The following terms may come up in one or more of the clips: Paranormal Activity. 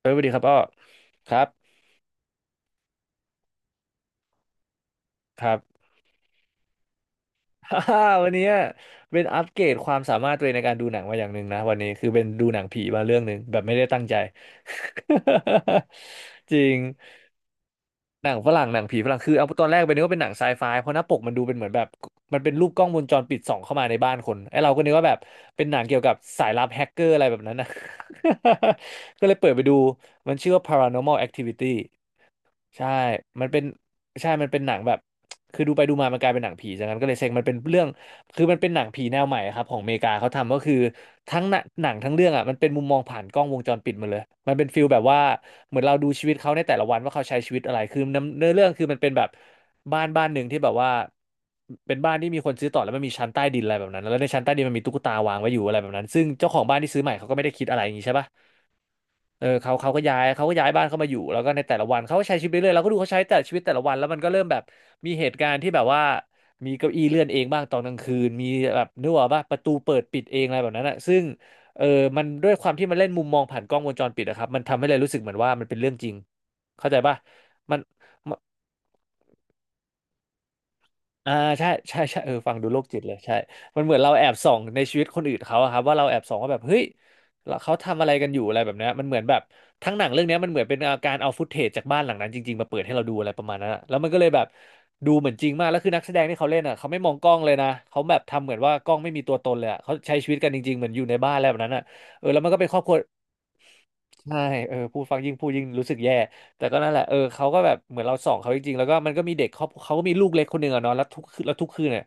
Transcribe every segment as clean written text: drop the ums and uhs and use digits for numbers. เออสวัสดีครับอ้อครับครับ ฮ่าฮ่าวันนี้เป็นอัปเกรดความสามารถตัวเองในการดูหนังมาอย่างหนึ่งนะวันนี้คือเป็นดูหนังผีมาเรื่องหนึ่งแบบไม่ได้ตั้งใจ จริงหนังฝรั่งหนังผีฝรั่งคือเอาตอนแรกไปนึกว่าเป็นหนังไซไฟเพราะหน้าปกมันดูเป็นเหมือนแบบมันเป็นรูปกล้องวงจรปิดส่องเข้ามาในบ้านคนไอ้เราก็นึกว่าแบบเป็นหนังเกี่ยวกับสายลับแฮกเกอร์อะไรแบบนั้นนะ ก็เลยเปิดไปดูมันชื่อว่า Paranormal Activity ใช่มันเป็นหนังแบบคือดูไปดูมามันกลายเป็นหนังผีจากนั้นก็เลยเซ็งมันเป็นเรื่องคือมันเป็นหนังผีแนวใหม่ครับของอเมริกาเขาทำก็คือทั้งหนังทั้งเรื่องอ่ะมันเป็นมุมมองผ่านกล้องวงจรปิดหมาเลยมันเป็นฟิลแบบว่าเหมือนเราดูชีวิตเขาในแต่ละวันว่าเขาใช้ชีวิตอะไรคือเนื้อเรื่องคือมันเป็นแบบบ้านหนึ่งที่แบบว่าเป็นบ้านที่มีคนซื้อต่อแล้วมันมีชั้นใต้ดินอะไรแบบนั้นแล้วในชั้นใต้ดินมันมีตุ๊กตาวางไว้อยู่อะไรแบบนั้นซึ่งเจ้าของบ้านที่ซื้อใหม่เขาก็ไม่ได้คิดอะไรอย่างนี้ใช่ปะ เออเขาก็ย้ายเขาก็ย้ายบ้านเข้ามาอยู่แล้วก็ในแต่ละวันเขาก็ใช้ชีวิตไปเรื่อยเราก็ดูเขาใช้แต่ชีวิตแต่ละวันแล้วมันก็เริ่มแบบมีเหตุการณ์ที่แบบว่ามีเก้าอี้เลื่อนเองบ้างตอนกลางคืนมีแบบนึกออกป่ะประตูเปิดปิดเองอะไรแบบนั้นอะซึ่งเออมันด้วยความที่มันเล่นมุมมองผ่านกล้องวงจรปิดอะครับมันทำให้เลยรู้สึกเหมือนว่ามันเป็นเรื่องจริงเข้าใจป่ะมัน อ่าใช่ใช่ใช่เออฟังดูโรคจิตเลยใช่มันเหมือนเราแอบส่องในชีวิตคนอื่นเขาอะครับว่าเราแอบส่องว่าแบบเฮ้ยแล้วเขาทำอะไรกันอยู่อะไรแบบเนี้ยมันเหมือนแบบทั้งหนังเรื่องเนี้ยมันเหมือนเป็นการเอาฟุตเทจจากบ้านหลังนั้นจริงๆมาเปิดให้เราดูอะไรประมาณนั้นอะแล้วมันก็เลยแบบดูเหมือนจริงมากแล้วคือนักแสดงที่เขาเล่นอะเขาไม่มองกล้องเลยนะเขาแบบทำเหมือนว่ากล้องไม่มีตัวตนเลยอะเขาใช้ชีวิตกันจริงๆเหมือนอยู่ในบ้านอะไรแบบนั้นอะเออแล้วมันก็เป็นครอบครัว ใช่เออพูดฟังยิ่งพูดยิ่งรู้สึกแย่ แต่ก็นั่นแหละเออเขาก็แบบเหมือนเราส่องเขาจริงๆแล้วก็มันก็มีเด็กเขาก็มีลูกเล็กคนหนึ่งอะเนาะแล้วทุกคืนเนี่ย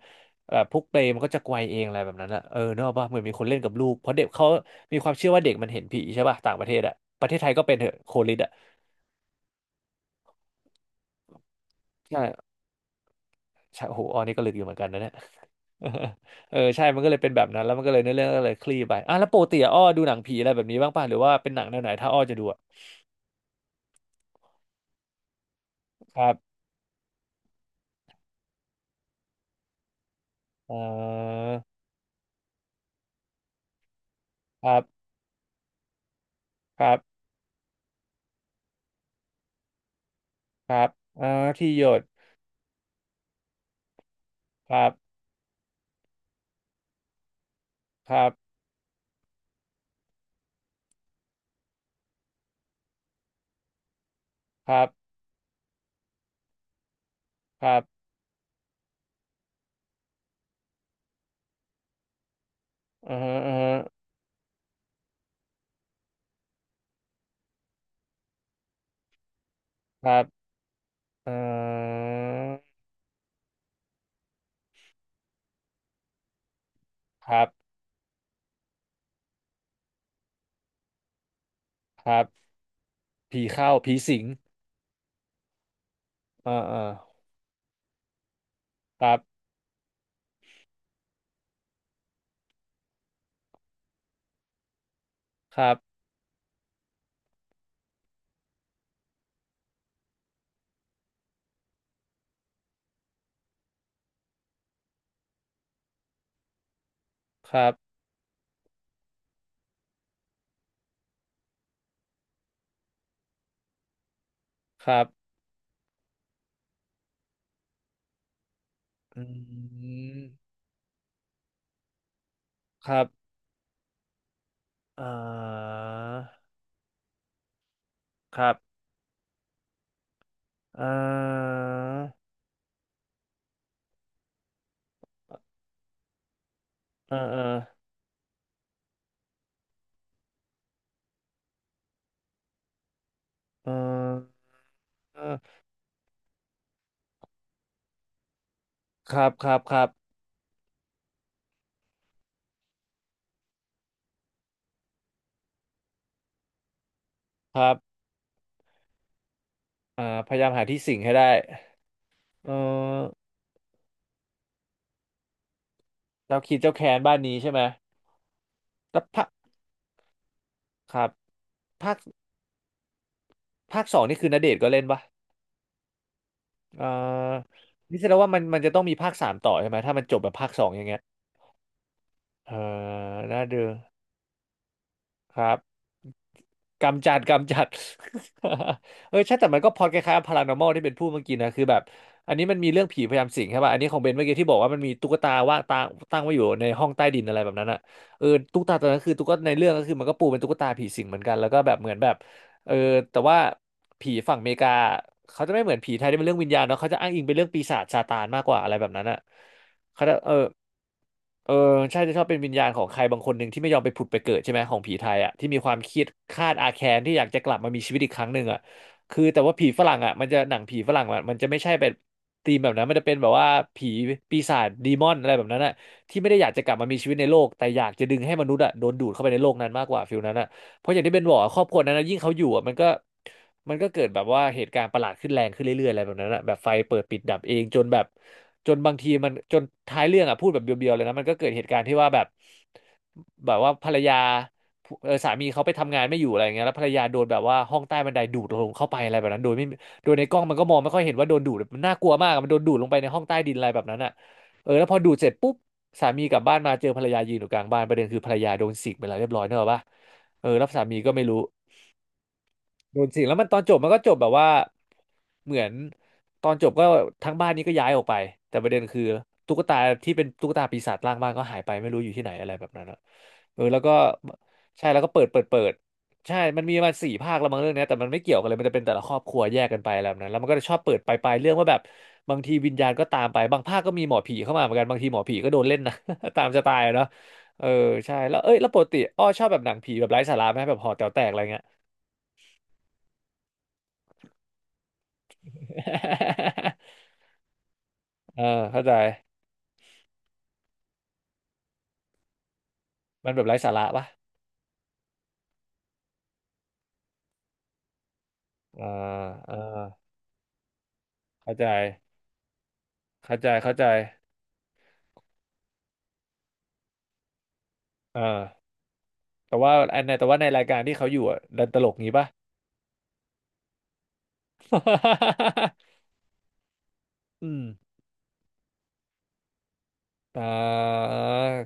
แบบพวกเปรย์มันก็จะไกวเองอะไรแบบนั้นอะเออเนกอะป่ะเหมือนมีคนเล่นกับลูก เพราะเด็กเขามีความเชื่อว่าเด็กมันเห็นผีใช่ป่ะต่างประเทศอะประเทศไทยก็เป็นเถอะโคลิดอะใช่ใช่โอ้โหอันนี้ก็ลึกอยู่เหมือนกันนะเนี่ย เออใช่มันก็เลยเป็นแบบนั้นแล้วมันก็เลยเนื้อเรื่องก็เลยคลี่ไปอ่ะแล้วปกติอะอ้อดูหนังผีอะไรแบบนี้บ้างป่ะหรือว่าเป็นหนังแนวไหนถ้าอ้อจะดูอะครับเออครับครับ ครับอ่าที่หยดครับครับครับครับอือฮะอือฮะครับอ่าครับครับผีเข้าผีสิง อ่าอ่าครับครับครับครับอืมครับอ่าครับอ่าอ่าอ่าอ่าอ่าครับ ครับ ครับ ครับ อ่าพยายามหาที่สิงให้ได้เออเจ้าคิดเจ้าแค้นบ้านนี้ใช่ไหมแล้วพระครับภาค ภาคสองนี่คือณเดชน์ก็เล่นปะเอ่อนี่แสดงว่ามันจะต้องมีภาคสามต่อใช่ไหมถ้ามันจบแบบภาคสองอย่างเงี้ยเออน่าดูครับ กำจัด เออใช่แต่มันก็พอดคล้ายๆพารานอมลที่เป็นพูดเมื่อกี้นะคือแบบอันนี้มันมีเรื่องผีพยายามสิงใช่ป่ะอันนี้ของเบนเมื่อกี้ที่บอกว่ามันมีตุ๊กตาว่างตาตั้งไว้อยู่ในห้องใต้ดินอะไรแบบนั้นอ่ะเออตุ๊กตาตัวนั้นคือตุ๊กตาในเรื่องก็คือมันก็ปูเป็นตุ๊กตาผีสิงเหมือนกันแล้วก็แบบเหมือนแบบเออแต่ว่าผีฝั่งอเมริกาเขาจะไม่เหมือนผีไทยที่เป็นเรื่องวิญญาณเนาะเขาจะอ้างอิงเป็นเรื่องปีศาจซาตานมากกว่าอะไรแบบนั้นอ่ะ เขาจะเออเออใช่จะชอบเป็นวิญญาณของใครบางคนหนึ่งที่ไม่ยอมไปผุดไปเกิดใช่ไหมของผีไทยอ่ะที่มีความเครียดคาดอาแค้นที่อยากจะกลับมามีชีวิตอีกครั้งหนึ่งอ่ะคือแต่ว่าผีฝรั่งอ่ะมันจะหนังผีฝรั่งอะมันจะไม่ใช่เป็นธีมแบบนั้นมันจะเป็นแบบว่าผีปีศาจดีมอนอะไรแบบนั้นอ่ะที่ไม่ได้อยากจะกลับมามีชีวิตในโลกแต่อยากจะดึงให้มนุษย์อ่ะโดนดูดเข้าไปในโลกนั้นมากกว่าฟิลนั้นอ่ะ เพราะอย่างที่เบนบอกอะครอบครัวนั้นนะยิ่งเขาอยู่อ่ะมันก็เกิดแบบว่าเหตุการณ์ประหลาดขึ้นแรงขึ้นเรื่อยๆอะไรแบบนั้นอะแบบไฟเปิดปิดดับเองจนแบบจนบางทีมันจนท้ายเรื่องอ่ะพูดแบบเบียวๆเลยนะมันก็เกิดเหตุการณ์ที่ว่าแบบแบบว่าภรรยาเออสามีเขาไปทำงานไม่อยู่อะไรอย่างเงี้ยแล้วภรรยาโดนแบบว่าห้องใต้บันไดดูดลงเข้าไปอะไรแบบนั้นโดยไม่โดยในกล้องมันก็มองไม่ค่อยเห็นว่าโดนดูดมันน่ากลัวมากอะมันโดนดูดลงไปในห้องใต้ดินอะไรแบบนั้นอ่ะเออแล้วพอดูดเสร็จปุ๊บสามีกลับบ้านมาเจอภรรยายืนอยู่กลางบ้านประเด็นคือภรรยาโดนสิกไปแล้วเรียบร้อยเนอะปะ เออแล้วสามีก็ไม่รู้ โดนสิงแล้วมันตอนจบมันก็จบแบบว่าเหมือนตอนจบก็ทั้งบ้านนี้ก็ย้ายออกไปแต่ประเด็นคือตุ๊กตาที่เป็นตุ๊กตาปีศาจร่างบ้านก็หายไปไม่รู้อยู่ที่ไหนอะไรแบบนั้นอะเออแล้วก็ใช่แล้วก็เปิดเปิดเปิดใช่มันมีมาสี่ภาคแล้วมั้งเรื่องเนี้ยแต่มันไม่เกี่ยวกันเลยมันจะเป็นแต่ละครอบครัวแยกกันไปอะไรแบบนั้นแล้วมันก็จะชอบเปิดไปเรื่องว่าแบบบางทีวิญญาณก็ตามไปบางภาคก็มีหมอผีเข้ามาเหมือนกันบางทีหมอผีก็โดนเล่นนะ ตามจะตายเนาะเออใช่แล้วเอ้ยแล้วปกติอ้อชอบแบบหนังผีแบบไร้สาระไหมแบบห่อแต๋วแตกอะไรเงี้ย เออเข้าใจมันแบบไร้สาระปะเออเออเข้าใจเข้าใจเข้าใจเออแต่ว่าอันในแต่ว่าในรายการที่เขาอยู่อ่ะดันตลกงี้ปะ อืมอ่า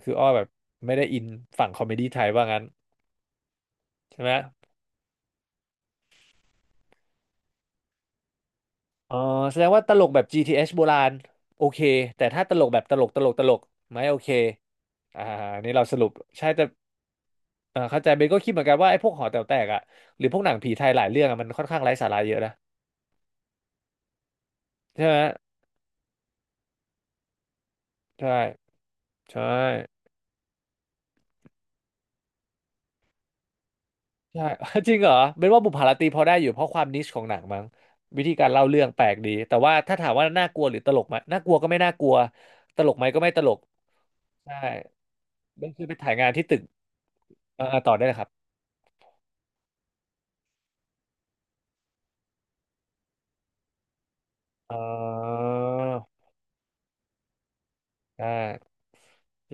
คืออ้อแบบไม่ได้อินฝั่งคอมเมดี้ไทยว่างั้นใช่ไหมอ๋อแสดงว่าตลกแบบ GTS โบราณโอเคแต่ถ้าตลกแบบตลกตลกตลกไม่โอเคอ่านี่เราสรุปใช่แต่ เออเข้าใจเบนก็คิดเหมือนกันว่าไอ้พวกหอแต๋วแตกอ่ะหรือพวกหนังผีไทยหลายเรื่องอะมันค่อนข้างไร้สาระเยอะนะใช่ไหมใช่ใช่ใช่ จริงเหรอเบนว่าบุพผารตรีพอได้อยู่เพราะความนิชของหนังมั้งวิธีการเล่าเรื่องแปลกดีแต่ว่าถ้าถามว่าน่ากลัวหรือตลกไหมน่ากลัวก็ไม่น่ากลัวตลกไหมก็ไม่ตลกใช่เบนเคยไปถ่ายงานที่ตึกเออต่อได้เลยครับเออได้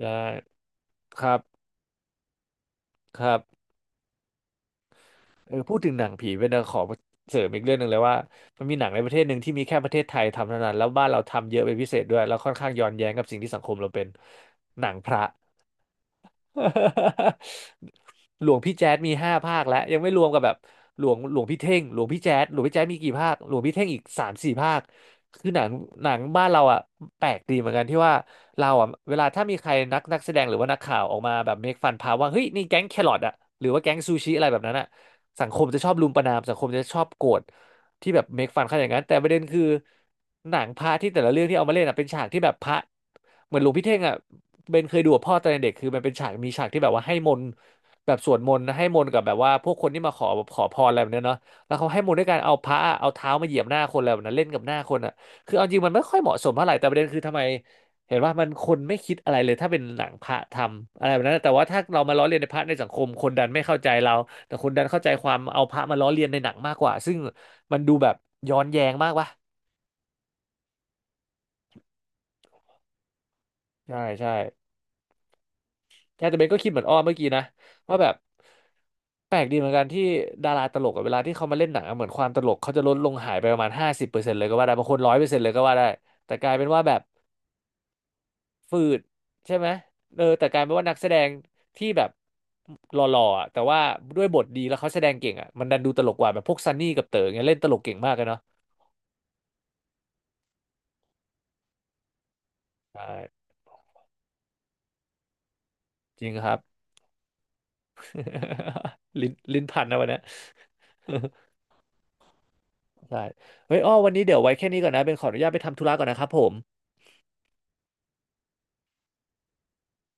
ได้ครับครับ เออพูดถึงหนังผีเป็นขอเสริมอีกเรื่องหนึ่งเลยว่ามันมีหนังในประเทศหนึ่งที่มีแค่ประเทศไทยทำเท่านั้นแล้วบ้านเราทำเยอะเป็นพิเศษด้วยแล้วค่อนข้างย้อนแย้งกับสิ่งที่สังคมเราเป็นหนังพระ หลวงพี่แจ๊ดมีห้าภาคแล้วยังไม่รวมกับแบบหลวงพี่เท่งหลวงพี่แจ๊ดมีกี่ภาคหลวงพี่เท่งอีกสามสี่ภาคคือหนังหนังบ้านเราอ่ะแปลกดีเหมือนกันที่ว่าเราอ่ะเวลาถ้ามีใครนักแสดงหรือว่านักข่าวออกมาแบบเมคฟันพาว่าเฮ้ยนี่แก๊งแครอทอ่ะหรือว่าแก๊งซูชิอะไรแบบนั้นอ่ะสังคมจะชอบรุมประณามสังคมจะชอบโกรธ ที่แบบเมคฟันขนาดนั้นแต่ประเด็นคือหนังพระที่แต่ละเรื่องที่เอามาเล่นอ่ะเป็นฉากที่แบบพระเหมือนหลวงพี่เท่งอ่ะเบนเคยดูกับพ่อตอนเด็กคือมันเป็นฉากมีฉากที่แบบว่าให้มนต์แบบสวดมนต์นะให้มนต์กับแบบว่าพวกคนที่มาขอขอพรอะไรแบบเนี้ยเนาะแล้วเขาให้มนต์ด้วยการเอาพระเอาเท้ามาเหยียบหน้าคนอะไรแบบนั้นเล่นกับหน้าคนอ่ะคือเอาจริงมันไม่ค่อยเหมาะสมเท่าไหร่แต่ประเด็นคือทำไม เห็นว่ามันคนไม่คิดอะไรเลยถ้าเป็นหนังพระทำอะไรแบบนั้นแต่ว่าถ้าเรามาล้อเลียนในพระในสังคมคนดันไม่เข้าใจเราแต่คนดันเข้าใจความเอาพระมาล้อเลียนในหนังมากกว่าซึ่งมันดูแบบย้อนแย้งมากวะใช่ใช่แค่แต่เบนก็คิดเหมือนอ้อเมื่อกี้นะว่าแบบแปลกดีเหมือนกันที่ดาราตลกกับเวลาที่เขามาเล่นหนังอะเหมือนความตลกเขาจะลดลงหายไปประมาณ50%เลยก็ว่าได้บางคน100%เลยก็ว่าได้แต่กลายเป็นว่าแบบ ฝืดใช่ไหมเออแต่กลายเป็นว่านักแสดงที่แบบหล่อๆอะแต่ว่าด้วยบทดีแล้วเขาแสดงเก่งอ่ะมันดันดูตลกกว่าแบบพวกซันนี่กับเต๋อเงี้ยเล่นตลกเก่งมากเลยเนาะใช่จริงครับ ลิ้นพันนะวันเนี้ย ใช่เฮ้ยอ้อวันนี้เดี๋ยวไว้แค่นี้ก่อนนะเป็นขออนุญาตไปทำธุระก่อนนะครับผม